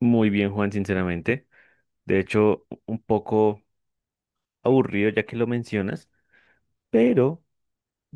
Muy bien, Juan, sinceramente. De hecho, un poco aburrido ya que lo mencionas, pero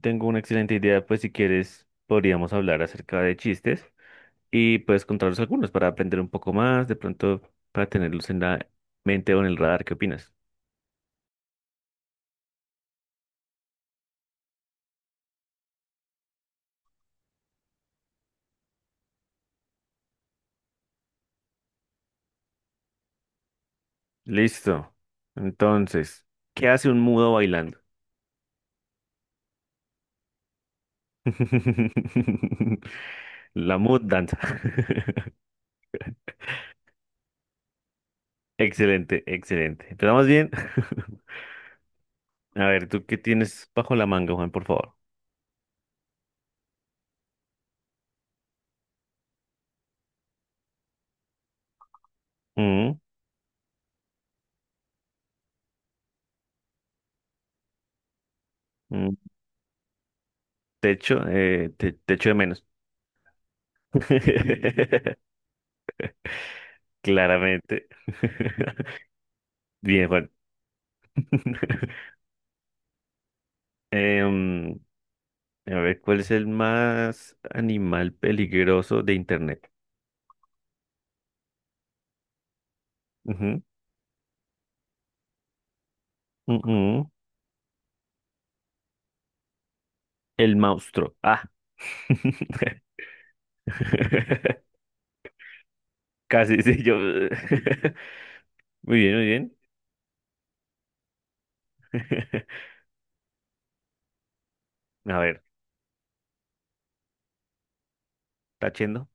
tengo una excelente idea, pues si quieres podríamos hablar acerca de chistes y puedes contarnos algunos para aprender un poco más, de pronto para tenerlos en la mente o en el radar. ¿Qué opinas? Listo. Entonces, ¿qué hace un mudo bailando? La mood danza. Excelente, excelente. ¿Empezamos bien? A ver, ¿tú qué tienes bajo la manga, Juan, por favor? Mm. Mm, te echo, te echo de menos. Claramente. Bien, Juan. Em, a ver, ¿cuál es el más animal peligroso de Internet? Ujú, ujú. El monstruo. Ah. Casi, sí, yo. Muy bien, muy bien. A ver, tachendo.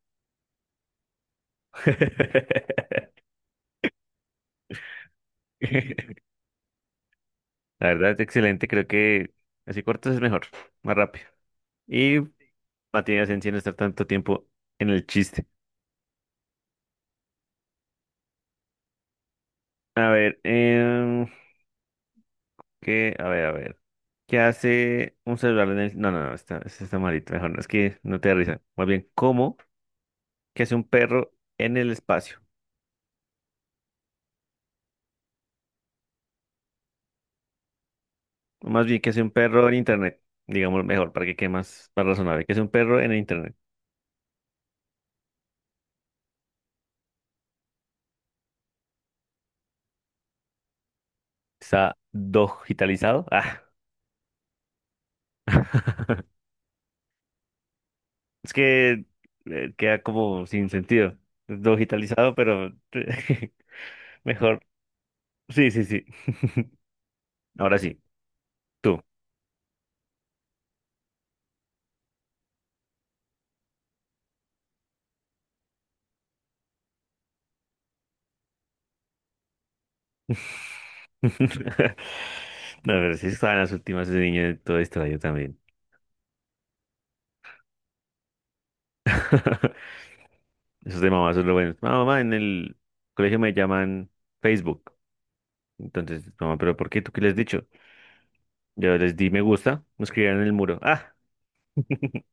La verdad, excelente. Creo que así cortas es mejor, más rápido. Y no tiene sentido estar tanto tiempo en el chiste. A ver, ¿qué? A ver, a ver. ¿Qué hace un celular en el...? No, está, ese está malito. Mejor no, es que no te da risa. Más bien, ¿cómo? ¿Qué hace un perro en el espacio? O más bien, ¿qué hace un perro en internet? Digamos mejor, para que quede más, más razonable. ¿Qué hace un perro en el internet? ¿Está digitalizado? Ah. Es que queda como sin sentido. Digitalizado, pero mejor. Sí, sí, sí. Ahora sí, tú. No, pero sí estaba en las últimas ese niño todo distraído también. Esos de mamá son lo buenos. Mamá, mamá, en el colegio me llaman Facebook. Entonces, mamá, ¿pero por qué? ¿Tú qué les has dicho? Yo les di me gusta, me escribieron en el muro. ¡Ah!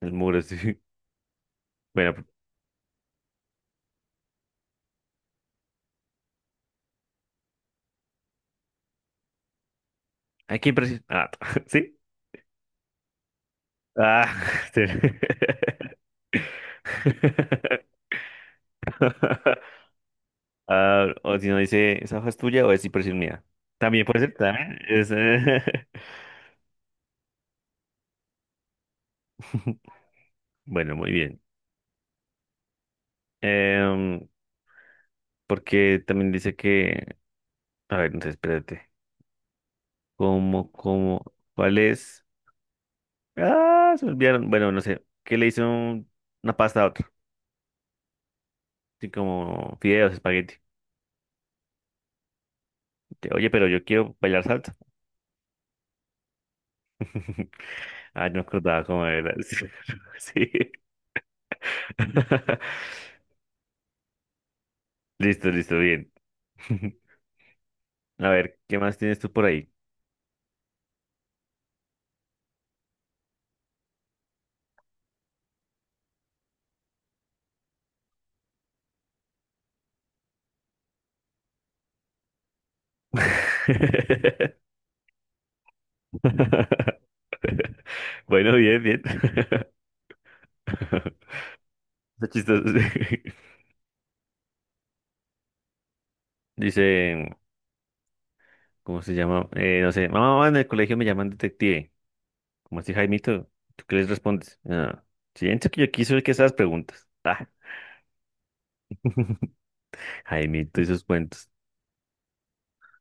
El muro, sí. Bueno, aquí preciso. Ah, ¿sí? Ah, sí. Ah, o si no dice, ¿esa hoja es tuya o es impresión mía? También puede ser, también. Es, Bueno, muy bien. Em, porque también dice que, a ver, entonces espérate, ¿cómo, cuál es? Ah, se me olvidaron. Bueno, no sé, ¿qué le hizo una pasta a otro? Así como fideos, espagueti. Oye, pero yo quiero bailar salsa. Ah, no me acordaba cómo era. Sí. Sí. Listo, listo, bien. A ver, ¿qué más tienes tú por ahí? Bueno, bien, bien. Está chistoso. Dice. ¿Cómo se llama? No sé, mamá, mamá, en el colegio me llaman detective. ¿Cómo así, Jaimito? ¿Tú qué les respondes? Ah, siento que yo quiso que esas preguntas. Ah, Jaimito y sus cuentos.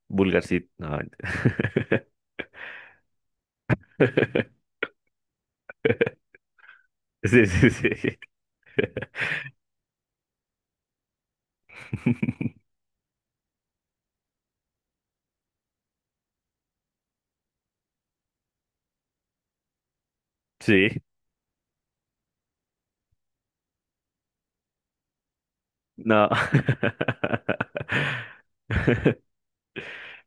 Vulgarcito. No, mentira. sí, sí, sí. Sí, no.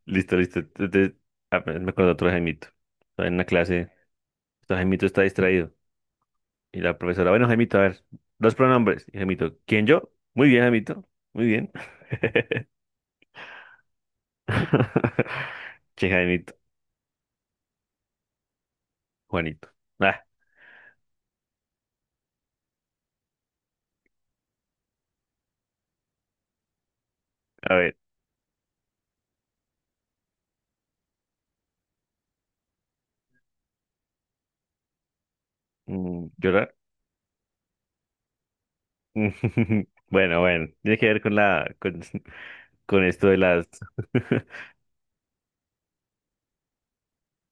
Listo, listo. Entonces, ah, pero me acuerdo de otro Jaimito. Estaba en una clase. Este Jaimito está distraído. Y la profesora, bueno, Jaimito, a ver, los pronombres. Y Jaimito, ¿quién yo? Muy bien, Jaimito, muy bien. Che, Jaimito, Juanito. Ah, a ver, mm, ¿llorar? Bueno, bueno, tiene que ver con la, con, con esto de las...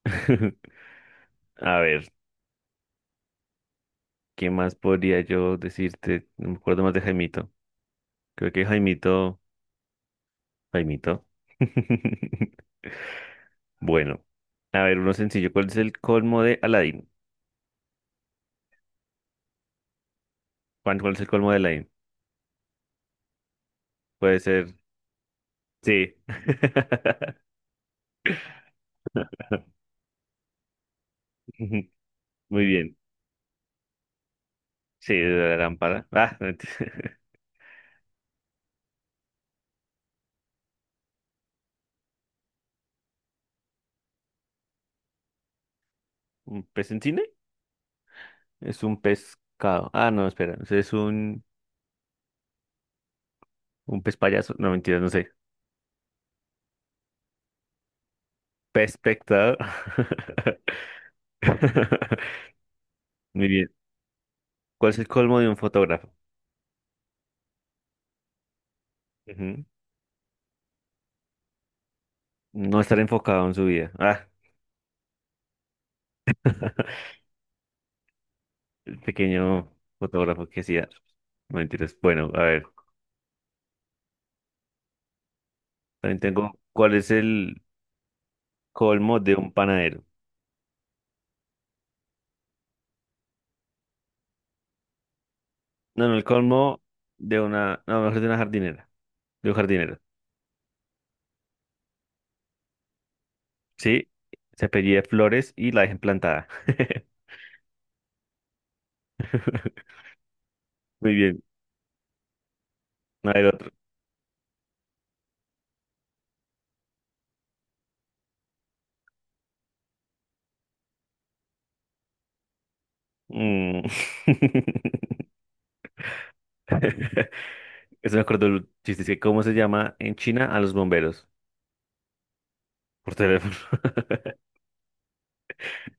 A ver, ¿qué más podría yo decirte? No me acuerdo más de Jaimito. Creo que Jaimito, Jaimito. Bueno, a ver, uno sencillo. ¿Cuál es el colmo de Aladdin? Juan, ¿cuál es el colmo de Aladdin? Puede ser sí. Muy bien. Sí, de la lámpara. Ah, mentira. ¿Un pez en cine? Es un pescado. Ah, no, espera. Es un pez payaso. No, mentira, no sé. Pez espectador. Muy bien. ¿Cuál es el colmo de un fotógrafo? Ujú. No estar enfocado en su vida. Ah, el pequeño fotógrafo que hacía. No, mentiras. Bueno, a ver. También tengo. ¿Cuál es el colmo de un panadero? No, no, el colmo de una. No, mejor de una jardinera, de un jardinero. Sí, se apellida Flores y la dejan plantada. Muy bien. A ver otro. Mm. Eso me acuerdo el chiste. Es que ¿cómo se llama en China a los bomberos? Por teléfono.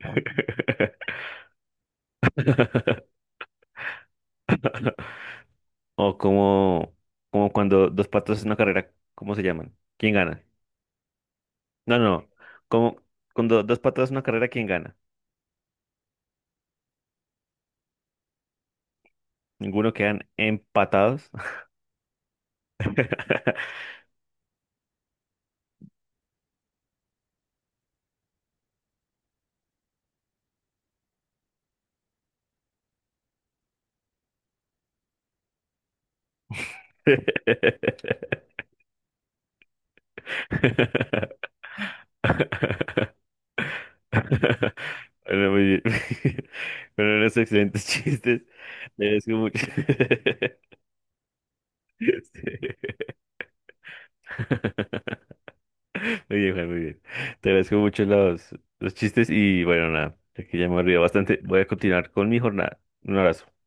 O como, como cuando dos patos en una carrera, ¿cómo se llaman? ¿Quién gana? No, no, no. Como cuando dos patos en una carrera, ¿quién gana? Ninguno, quedan empatados. Bueno, muy bien. Bueno, unos excelentes chistes. Te agradezco mucho. Sí. Muy bien, Juan, muy bien. Te agradezco mucho los chistes y bueno, nada, que ya me he olvidado bastante. Voy a continuar con mi jornada. Un abrazo.